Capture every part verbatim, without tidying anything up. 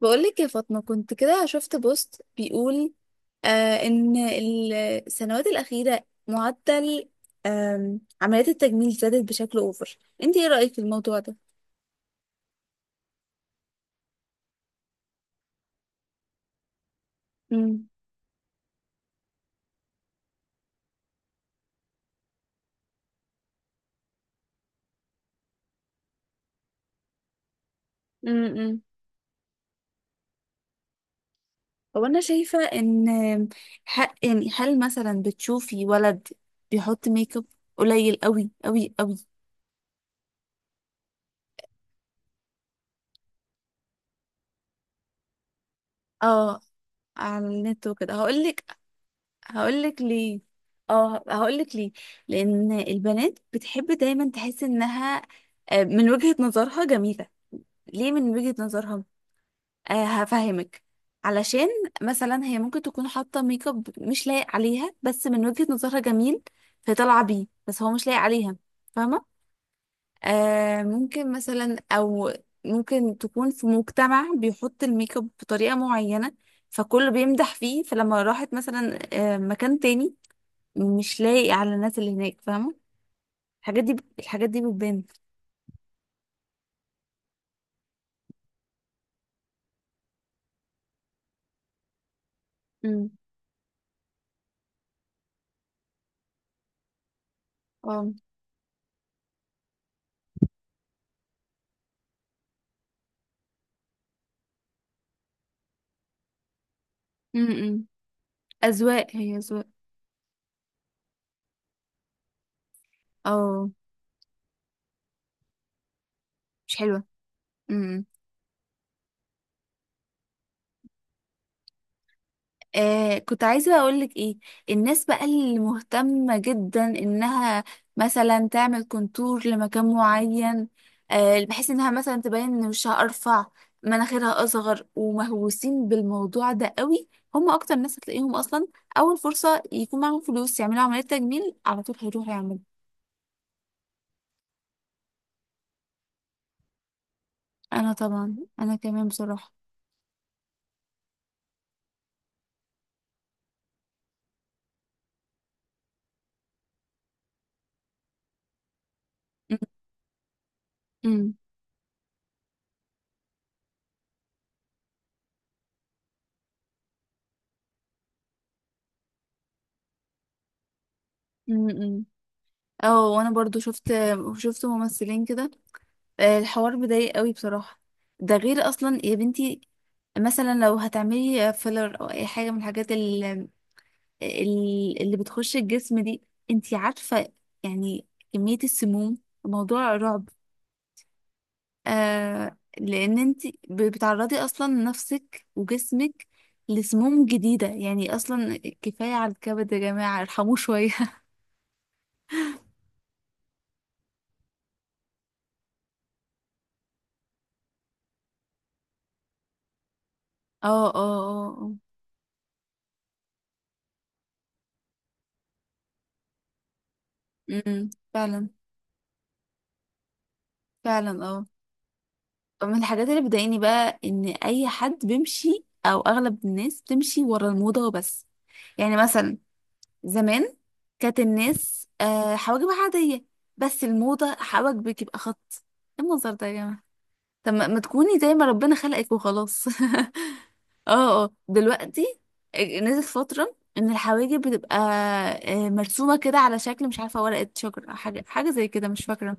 بقولك يا فاطمة كنت كده شفت بوست بيقول آه إن السنوات الأخيرة معدل آم، عمليات التجميل زادت بشكل أوفر. انت ايه رأيك في الموضوع ده؟ امم. امم. هو أنا شايفة إن حق، يعني هل مثلا بتشوفي ولد بيحط ميك اب قليل قوي قوي قوي؟ اه، على النت وكده هقولك هقولك ليه. اه، هقولك ليه. لان البنات بتحب دايما تحس انها، آه، من وجهة نظرها جميلة. ليه من وجهة نظرها؟ آه هفهمك. علشان مثلا هي ممكن تكون حاطة ميك اب مش لايق عليها، بس من وجهة نظرها جميل، فطالعة بيه بس هو مش لايق عليها. فاهمة؟ آه ممكن مثلا، او ممكن تكون في مجتمع بيحط الميك اب بطريقة معينة، فكله بيمدح فيه. فلما راحت مثلا آه، مكان تاني، مش لاقي على الناس اللي هناك. فاهمة؟ الحاجات دي الحاجات دي بتبان. امم. اه. امم. اذواق، هي اذواق. اه، مش حلوه. امم. امم. آه كنت عايزه اقول لك ايه. الناس بقى اللي مهتمه جدا انها مثلا تعمل كونتور لمكان معين، آه بحيث انها مثلا تبين ان وشها ارفع، مناخيرها اصغر، ومهووسين بالموضوع ده قوي. هم اكتر ناس هتلاقيهم اصلا، اول فرصه يكون معاهم فلوس يعملوا عمليه تجميل على طول هيروحوا يعملوا. انا طبعا، انا كمان بصراحه. امم. امم. اه، وانا برضو شفت شفت ممثلين كده، آه، الحوار بضايق قوي بصراحه. ده غير اصلا يا بنتي، مثلا لو هتعملي فيلر او اي حاجه من الحاجات اللي, اللي بتخش الجسم دي. انتي عارفه، يعني كميه السموم موضوع رعب. آه لان انتي ب- بتعرضي اصلا نفسك وجسمك لسموم جديده، يعني اصلا. كفايه على الكبد يا جماعه، ارحموه شويه. اه، اه، اه، اه. امم، فعلا. فعلا. اه، من الحاجات اللي بتضايقني بقى ان اي حد بيمشي، او اغلب الناس بتمشي ورا الموضة وبس. يعني مثلا زمان كانت الناس آه حواجبها عادية، بس الموضة حواجبك يبقى خط. ايه المنظر ده يا جماعة؟ طب ما ما تكوني زي ما ربنا خلقك وخلاص. اه، اه. دلوقتي نزلت فترة ان الحواجب بتبقى آه، مرسومة كده على شكل، مش عارفة، ورقة شجر او حاجة حاجة زي كده، مش فاكرة.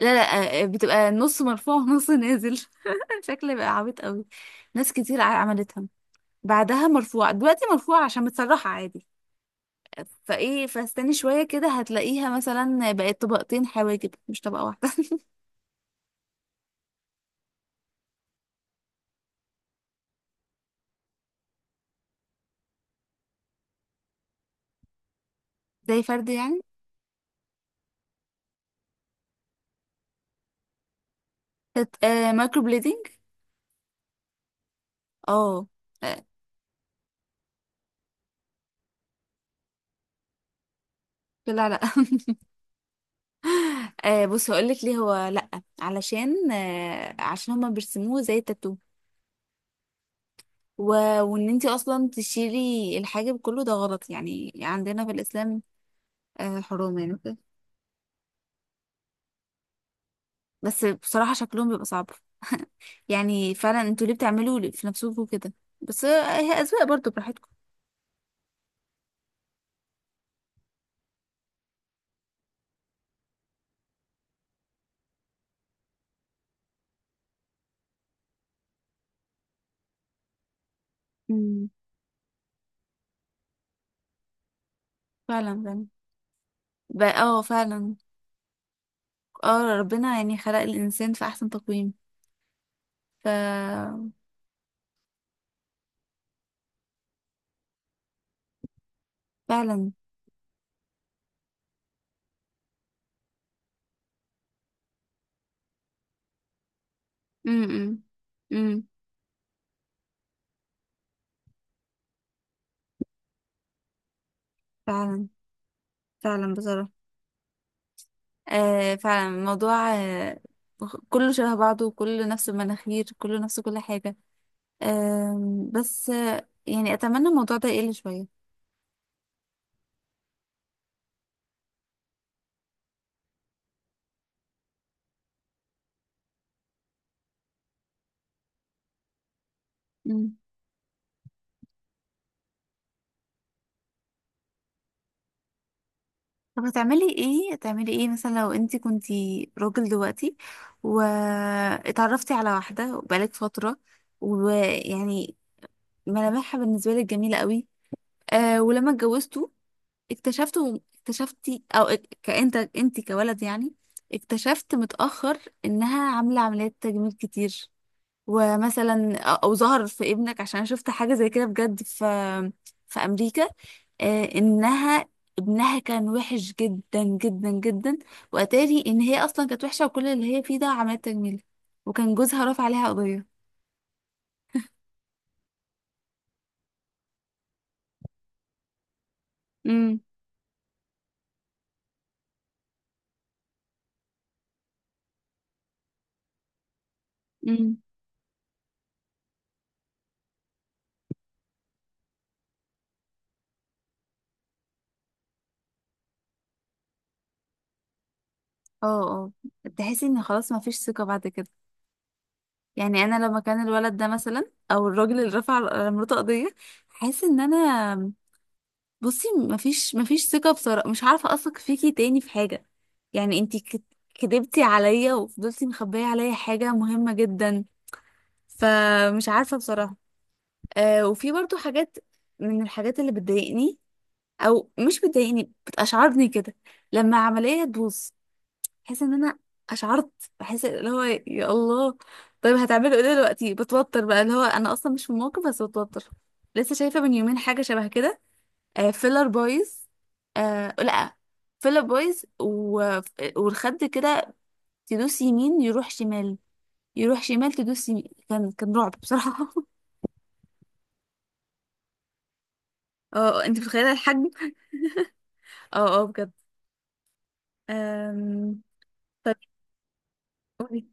لا، لا، آه، بتبقى نص مرفوع ونص نازل. شكل بقى عبيط قوي. ناس كتير ع- عملتها. بعدها مرفوعة. دلوقتي مرفوعة عشان متسرحة عادي. فايه، فاستني شوية كده هتلاقيها مثلا بقت طبقتين حواجب مش طبقة واحدة. زي فرد يعني. كانت آه مايكرو بليدنج. اه. آه، لا، لا. آه بص، هقولك ليه. هو لا، علشان آه عشان هما بيرسموه زي التاتو، و... وان انتي اصلا تشيلي الحاجب كله، ده غلط يعني. عندنا في الاسلام آه، حروم يعني وكده. بس بصراحة شكلهم بيبقى صعب. يعني فعلا انتوا ليه بتعملوا لي- في نفسكم كده؟ بس آه، هي أذواق برضو، براحتكم. امم، فعلا. فعلا، ب- اه، فعلا. اه، ربنا يعني خلق الإنسان في أحسن تقويم. ف فعلا. امم. امم، فعلا. فعلا بصراحة. آه فعلا الموضوع آه كله شبه بعضه، وكله نفس المناخير، كله نفس كل حاجة. آه بس آه يعني أتمنى الموضوع ده يقل شوية. طب هتعملي ايه، هتعملي ايه مثلا لو انت كنتي راجل دلوقتي واتعرفتي على واحدة بقالك فترة، ويعني ملامحها بالنسبة لك جميلة قوي، آه ولما اتجوزتوا اكتشفتوا اكتشفتي، او اك- كأنت انت كولد يعني اكتشفت متأخر انها عاملة عمليات تجميل كتير، ومثلا او ظهر في ابنك. عشان أنا شفت حاجه زي كده بجد في في امريكا، آه، انها ابنها كان وحش جدا جدا جدا، واتاري ان هي اصلا كانت وحشه وكل اللي هي فيه ده عمليات تجميل، وكان جوزها رافع عليها قضيه. امم. امم. اه، اه. تحسي ان خلاص ما فيش ثقه بعد كده. يعني انا لما كان الولد ده مثلا، او الراجل اللي رفع على مراته قضيه، حاسه ان انا، بصي، مفيش مفيش ثقة بصراحة، مش عارفة أثق فيكي تاني في حاجة. يعني انتي كد- كدبتي عليا وفضلتي مخبية عليا حاجة مهمة جدا، فمش عارفة بصراحة. آه وفي برضو حاجات، من الحاجات اللي بتضايقني، أو مش بتضايقني، بتأشعرني كده لما عملية تبوظ. بحس إن أنا أشعرت، بحس اللي هو يا الله طيب هتعملوا ايه دلوقتي، بتوتر بقى، اللي هو أنا أصلا مش في الموقف بس بتوتر. لسه شايفة من يومين حاجة شبه كده. آه فيلر بويز. آه لا، فيلر بويز، و... والخد كده، تدوس يمين يروح شمال، يروح شمال تدوس يمين. كان كان رعب بصراحة. اه، انت متخيلة الحجم. اه، اه، بجد. أم... طيب قولي.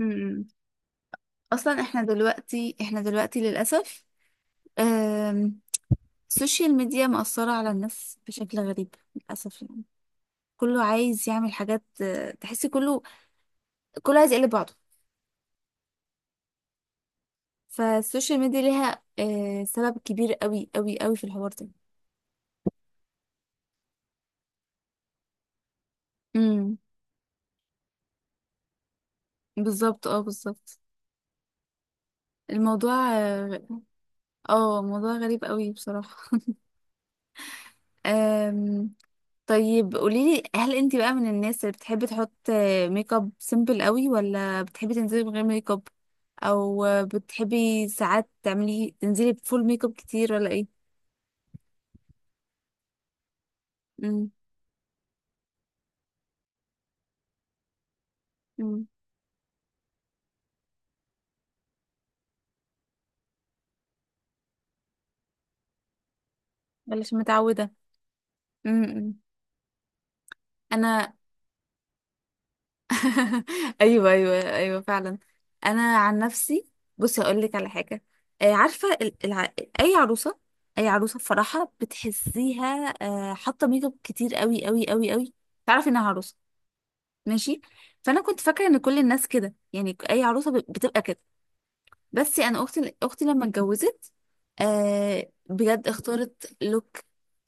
أمم. اصلا احنا دلوقتي، احنا دلوقتي للأسف. أم... السوشيال ميديا مأثرة على الناس بشكل غريب للأسف. يعني كله عايز يعمل حاجات، آه، تحسي كله كله عايز يقلب بعضه. فالسوشيال ميديا ليها آه، سبب كبير قوي قوي قوي في الحوار ده. امم، بالظبط. اه، بالظبط. الموضوع اه آه، موضوع غريب قوي بصراحة. أم... طيب قوليلي، هل انت بقى من الناس اللي بتحبي تحط آه، ميك اب سيمبل قوي، ولا بتحبي تنزلي من غير ميك اب، او آه، بتحبي ساعات تعملي تنزلي بفول ميك اب كتير، ولا ايه؟ امم. امم. ولا مش متعودة. امم. انا. ايوه، ايوه، ايوه، فعلا. انا عن نفسي، بصي اقول لك على حاجه. آه، عارفه ال- الع... اي عروسه، اي عروسه في فرحها بتحسيها آه، حاطه ميك اب كتير قوي قوي قوي قوي، تعرف انها عروسه. ماشي، فانا كنت فاكره ان كل الناس كده. يعني اي عروسه ب- بتبقى كده. بس انا، اختي، اختي لما اتجوزت، آه بجد اختارت لوك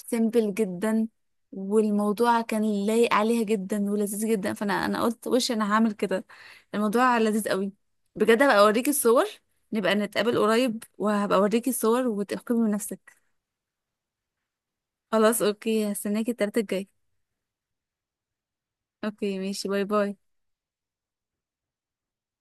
سيمبل جدا، والموضوع كان لايق عليها جدا ولذيذ جدا. فانا، انا قلت وش انا هعمل كده، الموضوع لذيذ قوي بجد. هبقى اوريكي الصور. نبقى نتقابل قريب وهبقى اوريكي الصور وتحكمي بنفسك. خلاص اوكي، هستناكي التلاتة الجاي. اوكي ماشي، باي باي.